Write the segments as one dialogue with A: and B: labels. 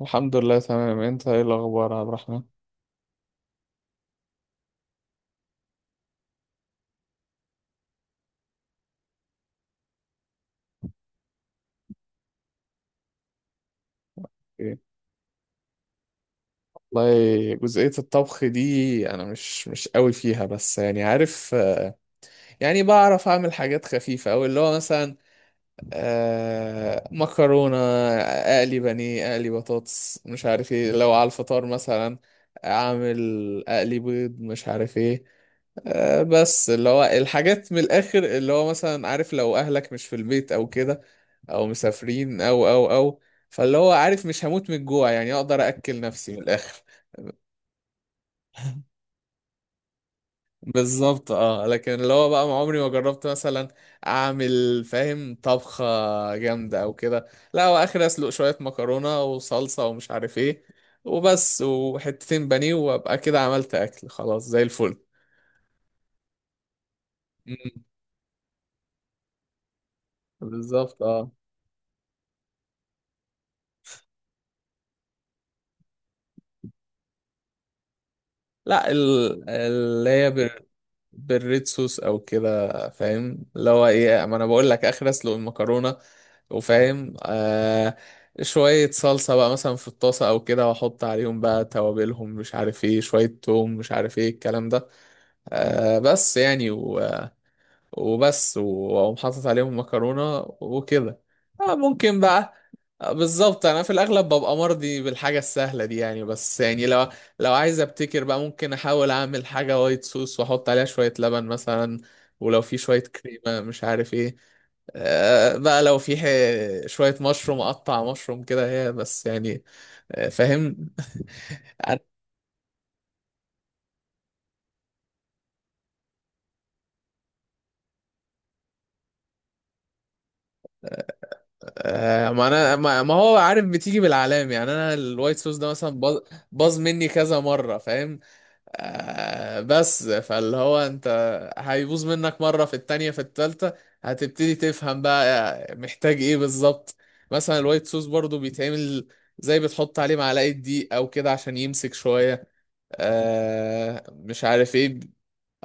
A: الحمد لله تمام. انت ايه الاخبار يا عبد الرحمن؟ ايه، والله جزئية الطبخ دي انا مش قوي فيها، بس يعني عارف، يعني بعرف اعمل حاجات خفيفة، او اللي هو مثلا مكرونة، أقلي بانيه، أقلي بطاطس مش عارف ايه، لو على الفطار مثلا أعمل، أقلي بيض مش عارف ايه. بس اللي هو الحاجات من الآخر، اللي هو مثلا عارف لو أهلك مش في البيت أو كده، أو مسافرين، أو فاللي هو عارف مش هموت من الجوع، يعني أقدر أأكل نفسي من الآخر. بالظبط، اه. لكن اللي هو بقى ما عمري ما جربت مثلا اعمل، فاهم، طبخة جامدة او كده. لا، هو اخر اسلق شوية مكرونة وصلصة ومش عارف ايه، وبس، وحتتين بانيه، وابقى كده عملت اكل، خلاص زي الفل. مم. بالظبط، اه. لا، اللي هي بالريد صوص او كده، فاهم اللي هو ايه، ما انا بقول لك اخر اسلق المكرونه، وفاهم، آه، شويه صلصه بقى مثلا في الطاسه او كده، واحط عليهم بقى توابلهم مش عارف ايه، شويه توم مش عارف ايه الكلام ده، آه بس يعني وبس، واقوم حاطط عليهم مكرونة وكده. آه، ممكن بقى، بالظبط. انا في الاغلب ببقى مرضي بالحاجة السهلة دي يعني، بس يعني لو عايز ابتكر بقى، ممكن احاول اعمل حاجة وايت صوص واحط عليها شوية لبن مثلا، ولو في شوية كريمة مش عارف ايه، آه بقى لو في شوية مشروم، اقطع مشروم كده، هي بس يعني، آه، فاهم. آه، ما انا ما هو عارف بتيجي بالعلام يعني، انا الوايت صوص ده مثلا باظ مني كذا مره، فاهم، آه، بس فاللي هو انت هيبوظ منك مره، في التانية في التالتة هتبتدي تفهم بقى، آه، محتاج ايه بالظبط. مثلا الوايت صوص برضو بيتعمل زي، بتحط عليه معلقه دقيق او كده عشان يمسك شويه، مش عارف ايه.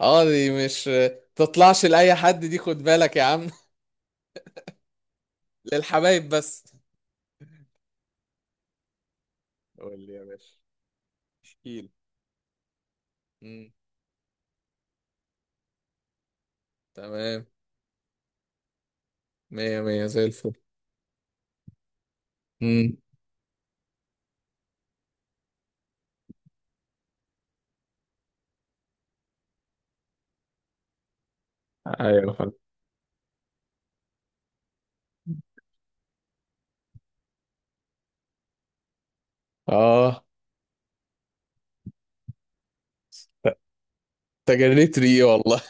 A: اه دي مش، تطلعش لاي حد، دي خد بالك يا عم. للحبايب بس. قول لي يا باشا، احكيلي. مم. تمام. مية مية زي الفل. مم. ايوه، فل. اه، ت- تجريت ري والله.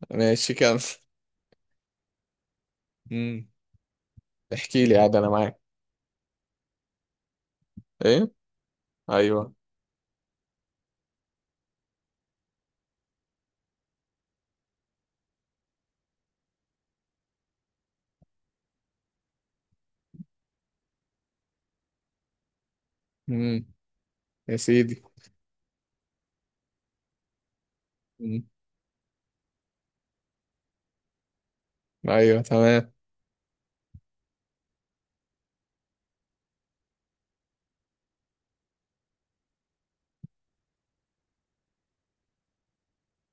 A: ماشي كمل. مم. احكي لي، عاد انا معاك. ايه. ايوه. مم. يا سيدي. مم. ايوه تمام.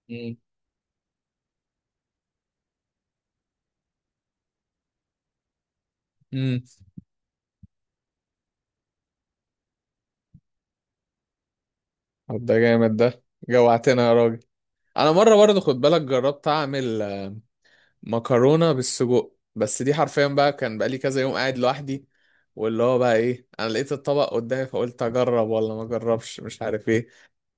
A: مم. مم. طب ده جامد ده، جوعتنا يا راجل. انا مره برضه، خد بالك، جربت اعمل مكرونه بالسجق، بس دي حرفيا بقى كان بقالي كذا يوم قاعد لوحدي، واللي هو بقى ايه، انا لقيت الطبق قدامي فقلت اجرب ولا ما اجربش مش عارف ايه،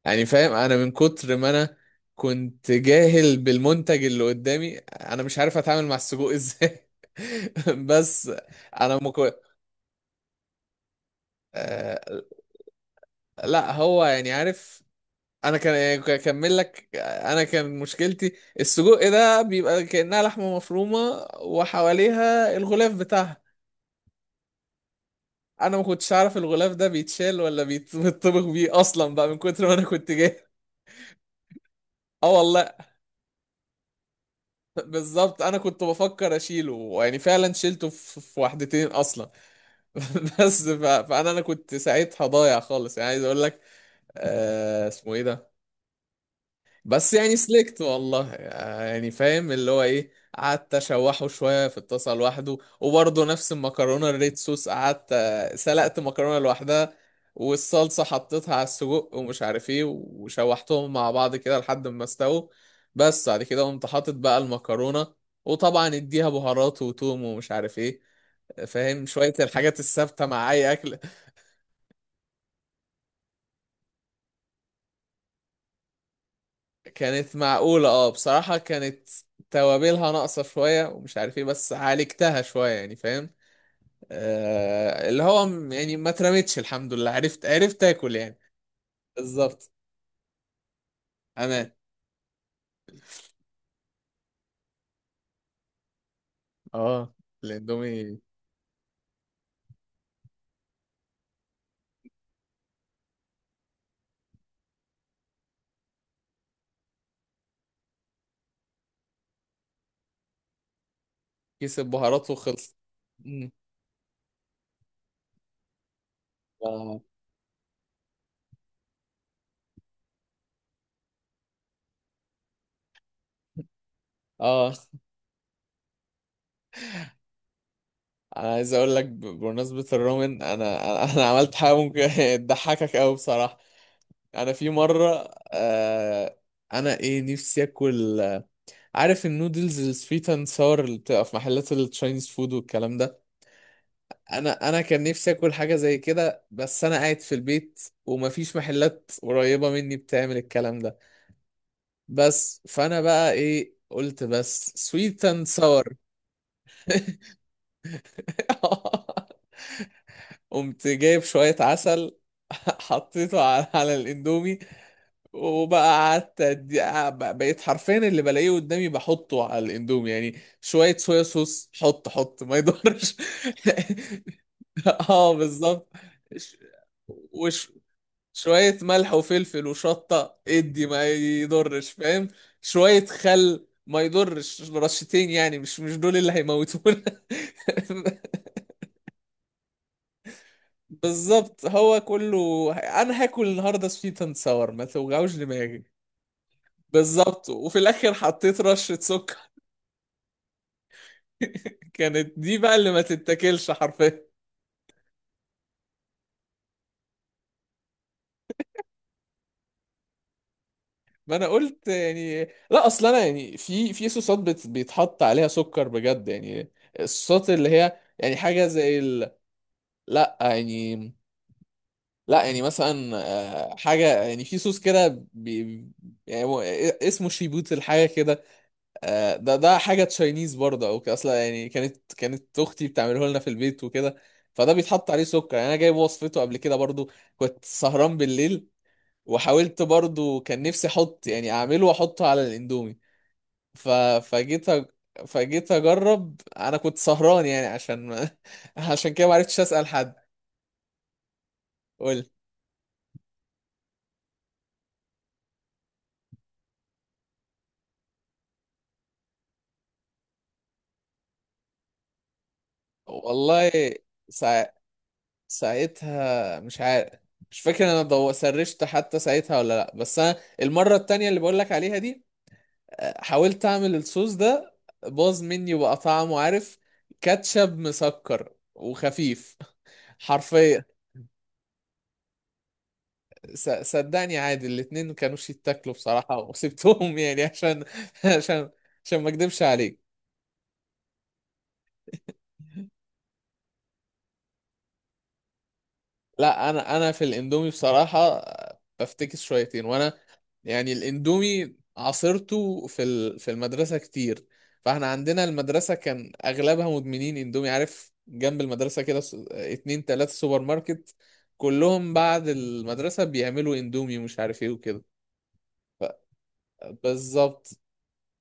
A: يعني فاهم انا من كتر ما انا كنت جاهل بالمنتج اللي قدامي، انا مش عارف اتعامل مع السجق ازاي. بس انا مكو... آه... لا هو يعني عارف، انا كان اكمل لك، انا كان مشكلتي السجق ده بيبقى كأنها لحمة مفرومة وحواليها الغلاف بتاعها، انا ما كنتش عارف الغلاف ده بيتشال ولا بيتطبخ بيه اصلا، بقى من كتر ما انا كنت جاهل. اه والله، بالظبط. انا كنت بفكر اشيله يعني، فعلا شيلته في واحدتين اصلا. فانا كنت ساعتها ضايع خالص، يعني عايز اقول لك، آه اسمه ايه ده بس يعني سلكت والله، يعني فاهم اللي هو ايه. قعدت اشوحه شويه في الطاسه لوحده، وبرضه نفس المكرونه الريد صوص، قعدت سلقت مكرونه لوحدها، والصلصه حطيتها على السجق ومش عارف ايه، وشوحتهم مع بعض كده لحد ما استووا، بس بعد كده قمت حاطط بقى المكرونه، وطبعا اديها بهارات وتوم ومش عارف ايه، فاهم شويه الحاجات الثابته مع اي اكل. كانت معقولة، اه، بصراحة كانت توابلها ناقصة شوية ومش عارف ايه، بس عالجتها شوية، يعني فاهم، آه، اللي هو يعني ما اترمتش، الحمد لله، عرفت عرفت اكل يعني. بالظبط، امان. اه، الاندومي كيس البهارات وخلص. مم. اه. آه. انا عايز اقول لك بمناسبة الرومن، انا عملت حاجة ممكن تضحكك قوي بصراحة. انا في مرة، آه، انا ايه، نفسي اكل، عارف النودلز السويت اند ساور اللي بتبقى في محلات التشاينيز فود والكلام ده، انا كان نفسي اكل حاجه زي كده، بس انا قاعد في البيت ومفيش محلات قريبه مني بتعمل الكلام ده، بس فانا بقى ايه، قلت بس سويت اند ساور. قمت جايب شويه عسل، حطيته على الاندومي، وبقى قعدت بقيت حرفيا اللي بلاقيه قدامي بحطه على الاندومي، يعني شوية صويا صوص، حط ما يضرش، اه بالظبط. ش- وش شوية ملح وفلفل وشطة، ادي ما يضرش، فاهم، شوية خل ما يضرش، رشتين يعني مش دول اللي هيموتونا. بالظبط، هو كله، انا هاكل النهارده سويت اند ساور، ما توجعوش دماغي. بالظبط، وفي الاخر حطيت رشة سكر. كانت دي بقى اللي ما تتاكلش حرفيا. ما انا قلت يعني، لا اصل انا يعني في بيتحط عليها سكر بجد يعني، الصوصات اللي هي يعني حاجة زي ال، لا يعني، لا يعني مثلا، آه، حاجة يعني في صوص كده بي، يعني هو اسمه شيبوت الحاجة كده، آه، ده ده حاجه تشاينيز برضه او كده اصلا يعني، كانت كانت اختي بتعمله لنا في البيت وكده، فده بيتحط عليه سكر يعني، انا جايب وصفته قبل كده برضه، كنت سهران بالليل، وحاولت برضه كان نفسي احط يعني اعمله واحطه على الاندومي، ف... فجيت أ... فجيت اجرب، انا كنت سهران يعني عشان ما... عشان كده ما عرفتش اسال حد. قول والله، سا... ساعتها مش عارف، مش فاكر انا سرشت حتى ساعتها ولا لا، بس انا المره التانية اللي بقول لك عليها دي، حاولت اعمل الصوص ده، باظ مني، وبقى طعمه عارف، كاتشب مسكر وخفيف. حرفيا، صدقني عادي، الاتنين ما كانوش يتاكلوا بصراحة، وسبتهم يعني عشان عشان عشان ما اكدبش عليك. لا، انا في الاندومي بصراحه بفتكس شويتين، وانا يعني الاندومي عاصرته في في المدرسه كتير، فاحنا عندنا المدرسه كان اغلبها مدمنين اندومي، عارف جنب المدرسه كده، اتنين تلاته سوبر ماركت كلهم بعد المدرسه بيعملوا اندومي ومش عارف ايه وكده. ف- بالظبط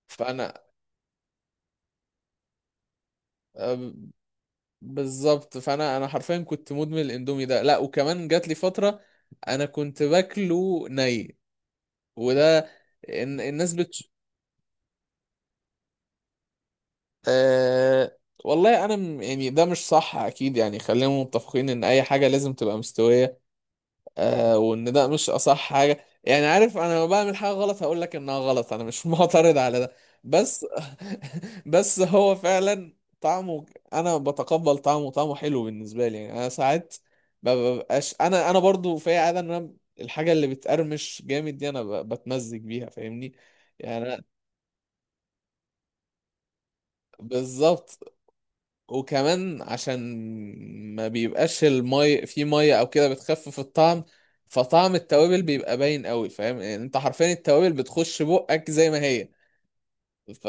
A: فانا بالظبط، فانا حرفيا كنت مدمن الاندومي ده، لا وكمان جات لي فتره انا كنت باكله ني، وده، إن- الناس بت آه والله انا يعني ده مش صح اكيد يعني، خلينا متفقين ان اي حاجه لازم تبقى مستويه، آه، وان ده مش اصح حاجه، يعني عارف، انا لما بعمل حاجه غلط هقول لك انها غلط، انا مش معترض على ده، بس بس هو فعلا طعمه، انا بتقبل طعمه، طعمه حلو بالنسبه لي يعني. انا ساعات ما ببقاش، انا برضو في عاده ان انا الحاجه اللي بتقرمش جامد دي انا بتمزج بيها، فاهمني. يعني أنا- بالظبط. وكمان عشان ما بيبقاش المي في ميه او كده بتخفف الطعم، فطعم التوابل بيبقى باين قوي، فاهم يعني انت حرفيا التوابل بتخش بقك زي ما هي. ف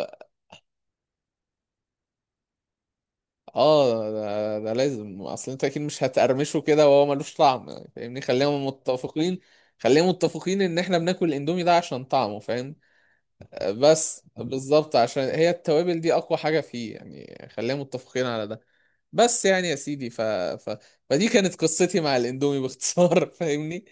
A: اه ده, ده لازم، اصل انت اكيد مش هتقرمشه كده وهو ملوش طعم، يعني فاهمني، خلينا متفقين، خلينا متفقين ان احنا بناكل الاندومي ده عشان طعمه فاهم. بس بالظبط، عشان هي التوابل دي اقوى حاجة فيه يعني، خلينا متفقين على ده. بس يعني يا سيدي، فدي كانت قصتي مع الاندومي باختصار. فاهمني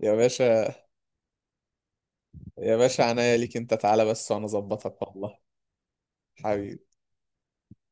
A: يا باشا، يا باشا، عناية ليك، انت تعالى بس وانا اظبطك والله. حبيبي.